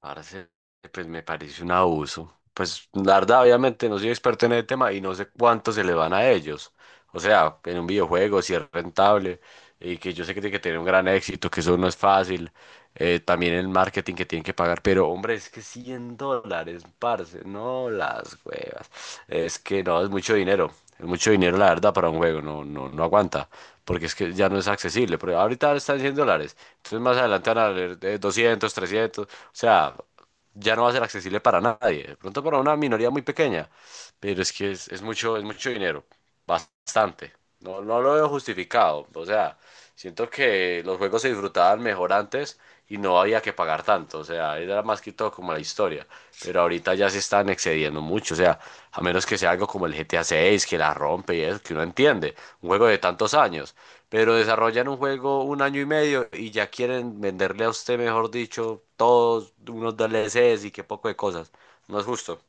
Parce, pues me parece un abuso. Pues la verdad, obviamente no soy experto en el tema y no sé cuánto se le van a ellos. O sea, en un videojuego, si es rentable y que yo sé que tiene que tener un gran éxito, que eso no es fácil. También el marketing que tienen que pagar. Pero hombre, es que $100, parce, no las huevas. Es que no, es mucho dinero. Es mucho dinero, la verdad, para un juego. No, no, no aguanta porque es que ya no es accesible, pero ahorita están $100, entonces más adelante van a valer 200 300. O sea, ya no va a ser accesible para nadie, de pronto para una minoría muy pequeña, pero es que es mucho, es mucho dinero, bastante. No, no lo veo justificado. O sea, siento que los juegos se disfrutaban mejor antes y no había que pagar tanto. O sea, era más que todo como la historia, pero ahorita ya se están excediendo mucho. O sea, a menos que sea algo como el GTA 6, que la rompe y eso, que uno entiende, un juego de tantos años. Pero desarrollan un juego un año y medio y ya quieren venderle a usted, mejor dicho, todos unos DLCs y qué poco de cosas. No es justo.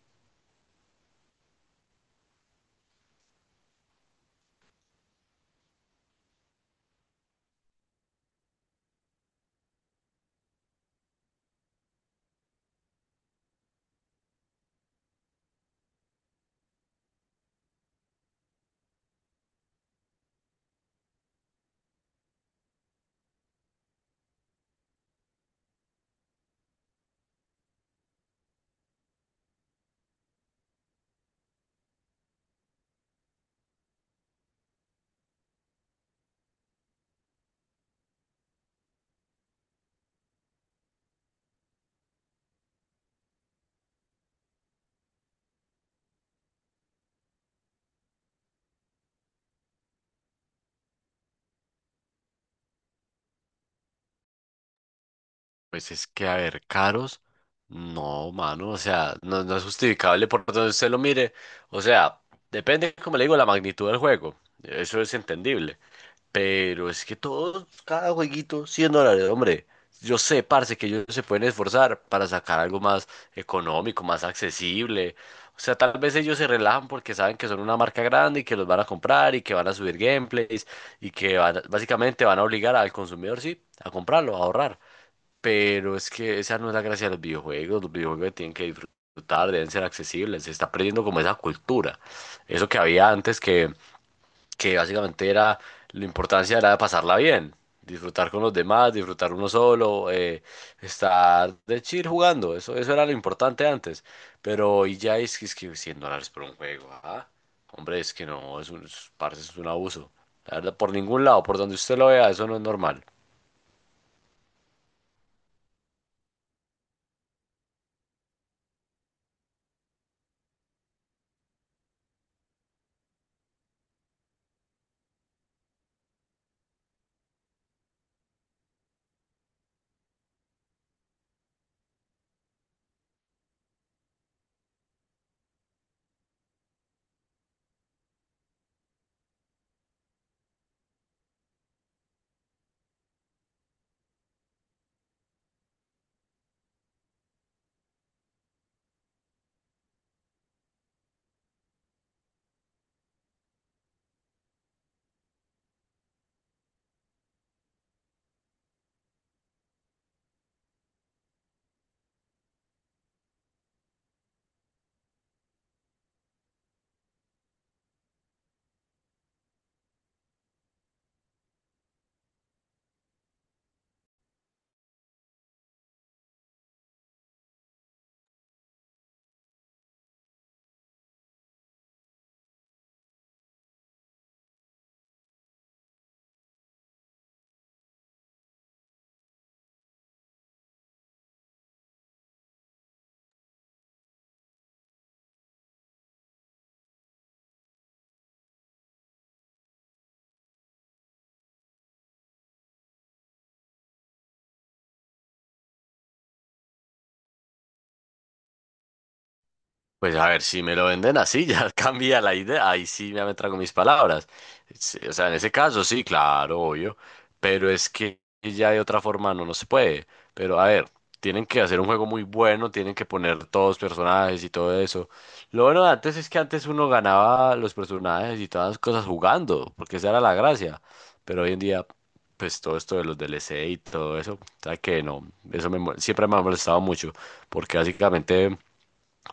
Pues es que, a ver, caros, no, mano. O sea, no, no es justificable por donde usted lo mire. O sea, depende, como le digo, la magnitud del juego. Eso es entendible. Pero es que todos, cada jueguito, $100, hombre. Yo sé, parce, que ellos se pueden esforzar para sacar algo más económico, más accesible. O sea, tal vez ellos se relajan porque saben que son una marca grande y que los van a comprar y que van a subir gameplays y que van básicamente van a obligar al consumidor, sí, a comprarlo, a ahorrar. Pero es que esa no es la gracia de los videojuegos. Los videojuegos tienen que disfrutar, deben ser accesibles. Se está perdiendo como esa cultura. Eso que había antes que básicamente era, la importancia era pasarla bien. Disfrutar con los demás, disfrutar uno solo, estar de chill jugando. Eso era lo importante antes. Pero hoy ya es que $100 por un juego. Hombre, es que no, parce, es un abuso. La verdad, por ningún lado, por donde usted lo vea, eso no es normal. Pues a ver, si me lo venden así, ya cambia la idea. Ahí sí ya me trago mis palabras. Sí, o sea, en ese caso sí, claro, obvio. Pero es que ya de otra forma no, no se puede. Pero a ver, tienen que hacer un juego muy bueno, tienen que poner todos personajes y todo eso. Lo bueno de antes es que antes uno ganaba los personajes y todas las cosas jugando, porque esa era la gracia. Pero hoy en día, pues todo esto de los DLC y todo eso, ¿sabes? Que no, eso siempre me ha molestado mucho, porque básicamente.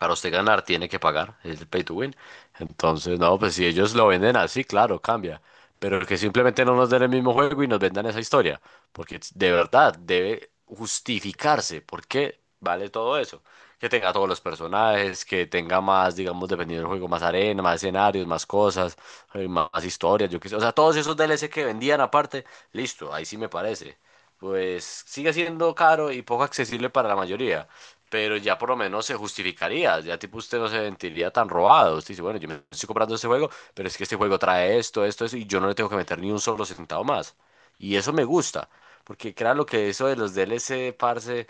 Para usted ganar tiene que pagar, es el pay to win. Entonces, no, pues si ellos lo venden así, claro, cambia. Pero que simplemente no nos den el mismo juego y nos vendan esa historia. Porque de verdad debe justificarse. ¿Por qué vale todo eso? Que tenga todos los personajes, que tenga más, digamos, dependiendo del juego, más arena, más escenarios, más cosas, más historias, yo qué sé. O sea, todos esos D L C que vendían aparte, listo, ahí sí me parece. Pues sigue siendo caro y poco accesible para la mayoría, pero ya por lo menos se justificaría, ya tipo usted no se sentiría tan robado, usted dice, bueno, yo me estoy comprando este juego, pero es que este juego trae esto, esto, eso, y yo no le tengo que meter ni un solo centavo más. Y eso me gusta, porque claro lo que eso de los DLC, parce.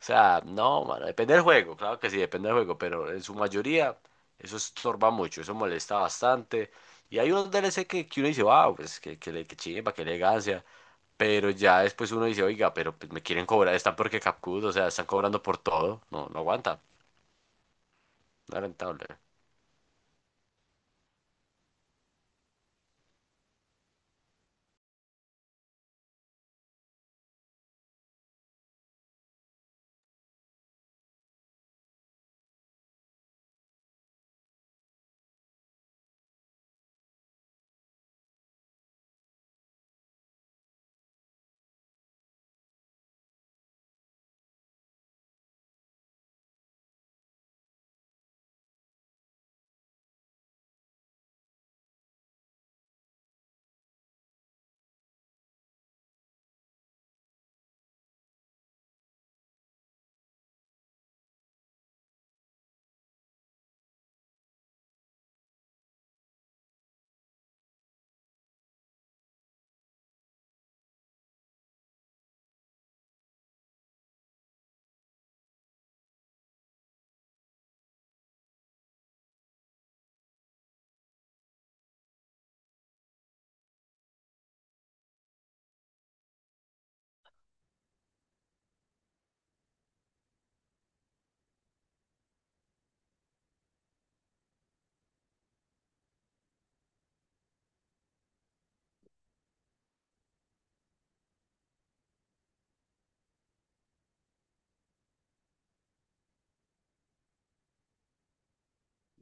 O sea, no, mano, depende del juego, claro que sí, depende del juego, pero en su mayoría eso estorba mucho, eso molesta bastante. Y hay unos DLC que uno dice, wow, pues que chimba, que elegancia. Pero ya después uno dice, oiga, pero pues me quieren cobrar, están porque capcud, o sea, están cobrando por todo. No, no aguanta, no es rentable.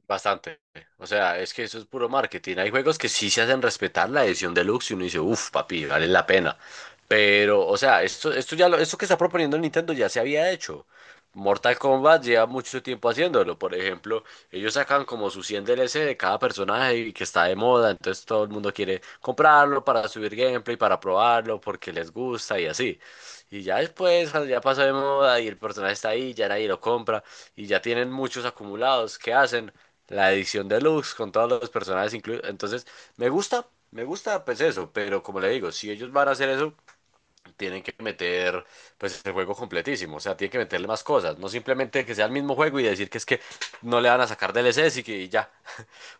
Bastante. O sea, es que eso es puro marketing. Hay juegos que sí se hacen respetar la edición deluxe y uno dice, uff, papi, vale la pena. Pero, o sea, esto que está proponiendo Nintendo ya se había hecho. Mortal Kombat lleva mucho tiempo haciéndolo. Por ejemplo, ellos sacan como su 100 DLC de cada personaje y que está de moda. Entonces todo el mundo quiere comprarlo para subir gameplay, para probarlo, porque les gusta y así. Y ya después, cuando ya pasó de moda y el personaje está ahí, ya nadie lo compra y ya tienen muchos acumulados, ¿qué hacen? La edición deluxe con todos los personajes incluidos. Entonces, me gusta pues eso, pero como le digo, si ellos van a hacer eso, tienen que meter pues el juego completísimo. O sea, tienen que meterle más cosas, no simplemente que sea el mismo juego y decir que es que no le van a sacar DLCs y que y ya.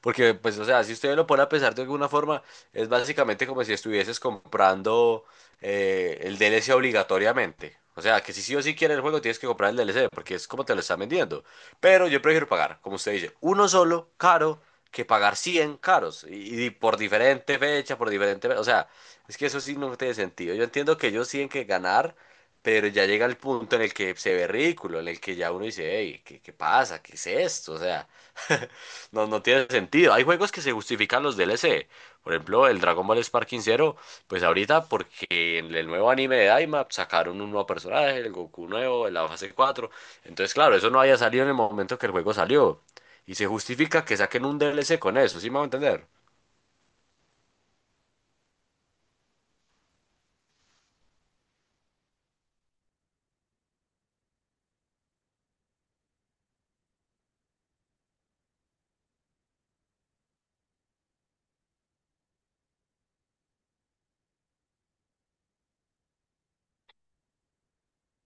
Porque, pues, o sea, si usted lo pone a pensar de alguna forma, es básicamente como si estuvieses comprando el DLC obligatoriamente. O sea, que si sí o sí quieres el juego, tienes que comprar el DLC, porque es como te lo están vendiendo. Pero yo prefiero pagar, como usted dice, uno solo, caro, que pagar 100 caros. Y por diferente... fecha, O sea, es que eso sí no tiene sentido. Yo entiendo que ellos tienen que ganar, pero ya llega el punto en el que se ve ridículo, en el que ya uno dice, hey, ¿qué pasa. ¿Qué es esto? O sea... No, no tiene sentido. Hay juegos que se justifican los DLC. Por ejemplo, el Dragon Ball Sparking Zero, pues ahorita porque en el nuevo anime de Daima sacaron un nuevo personaje, el Goku nuevo, en la fase cuatro. Entonces, claro, eso no había salido en el momento que el juego salió. Y se justifica que saquen un DLC con eso, ¿sí me va a entender?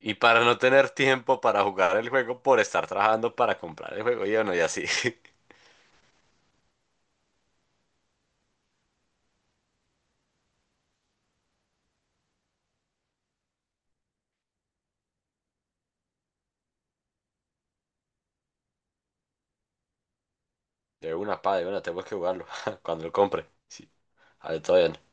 Y para no tener tiempo para jugar el juego por estar trabajando para comprar el juego, y bueno, y así. De una, pa, de una, tengo que jugarlo cuando lo compre. Sí. A ver, todavía no.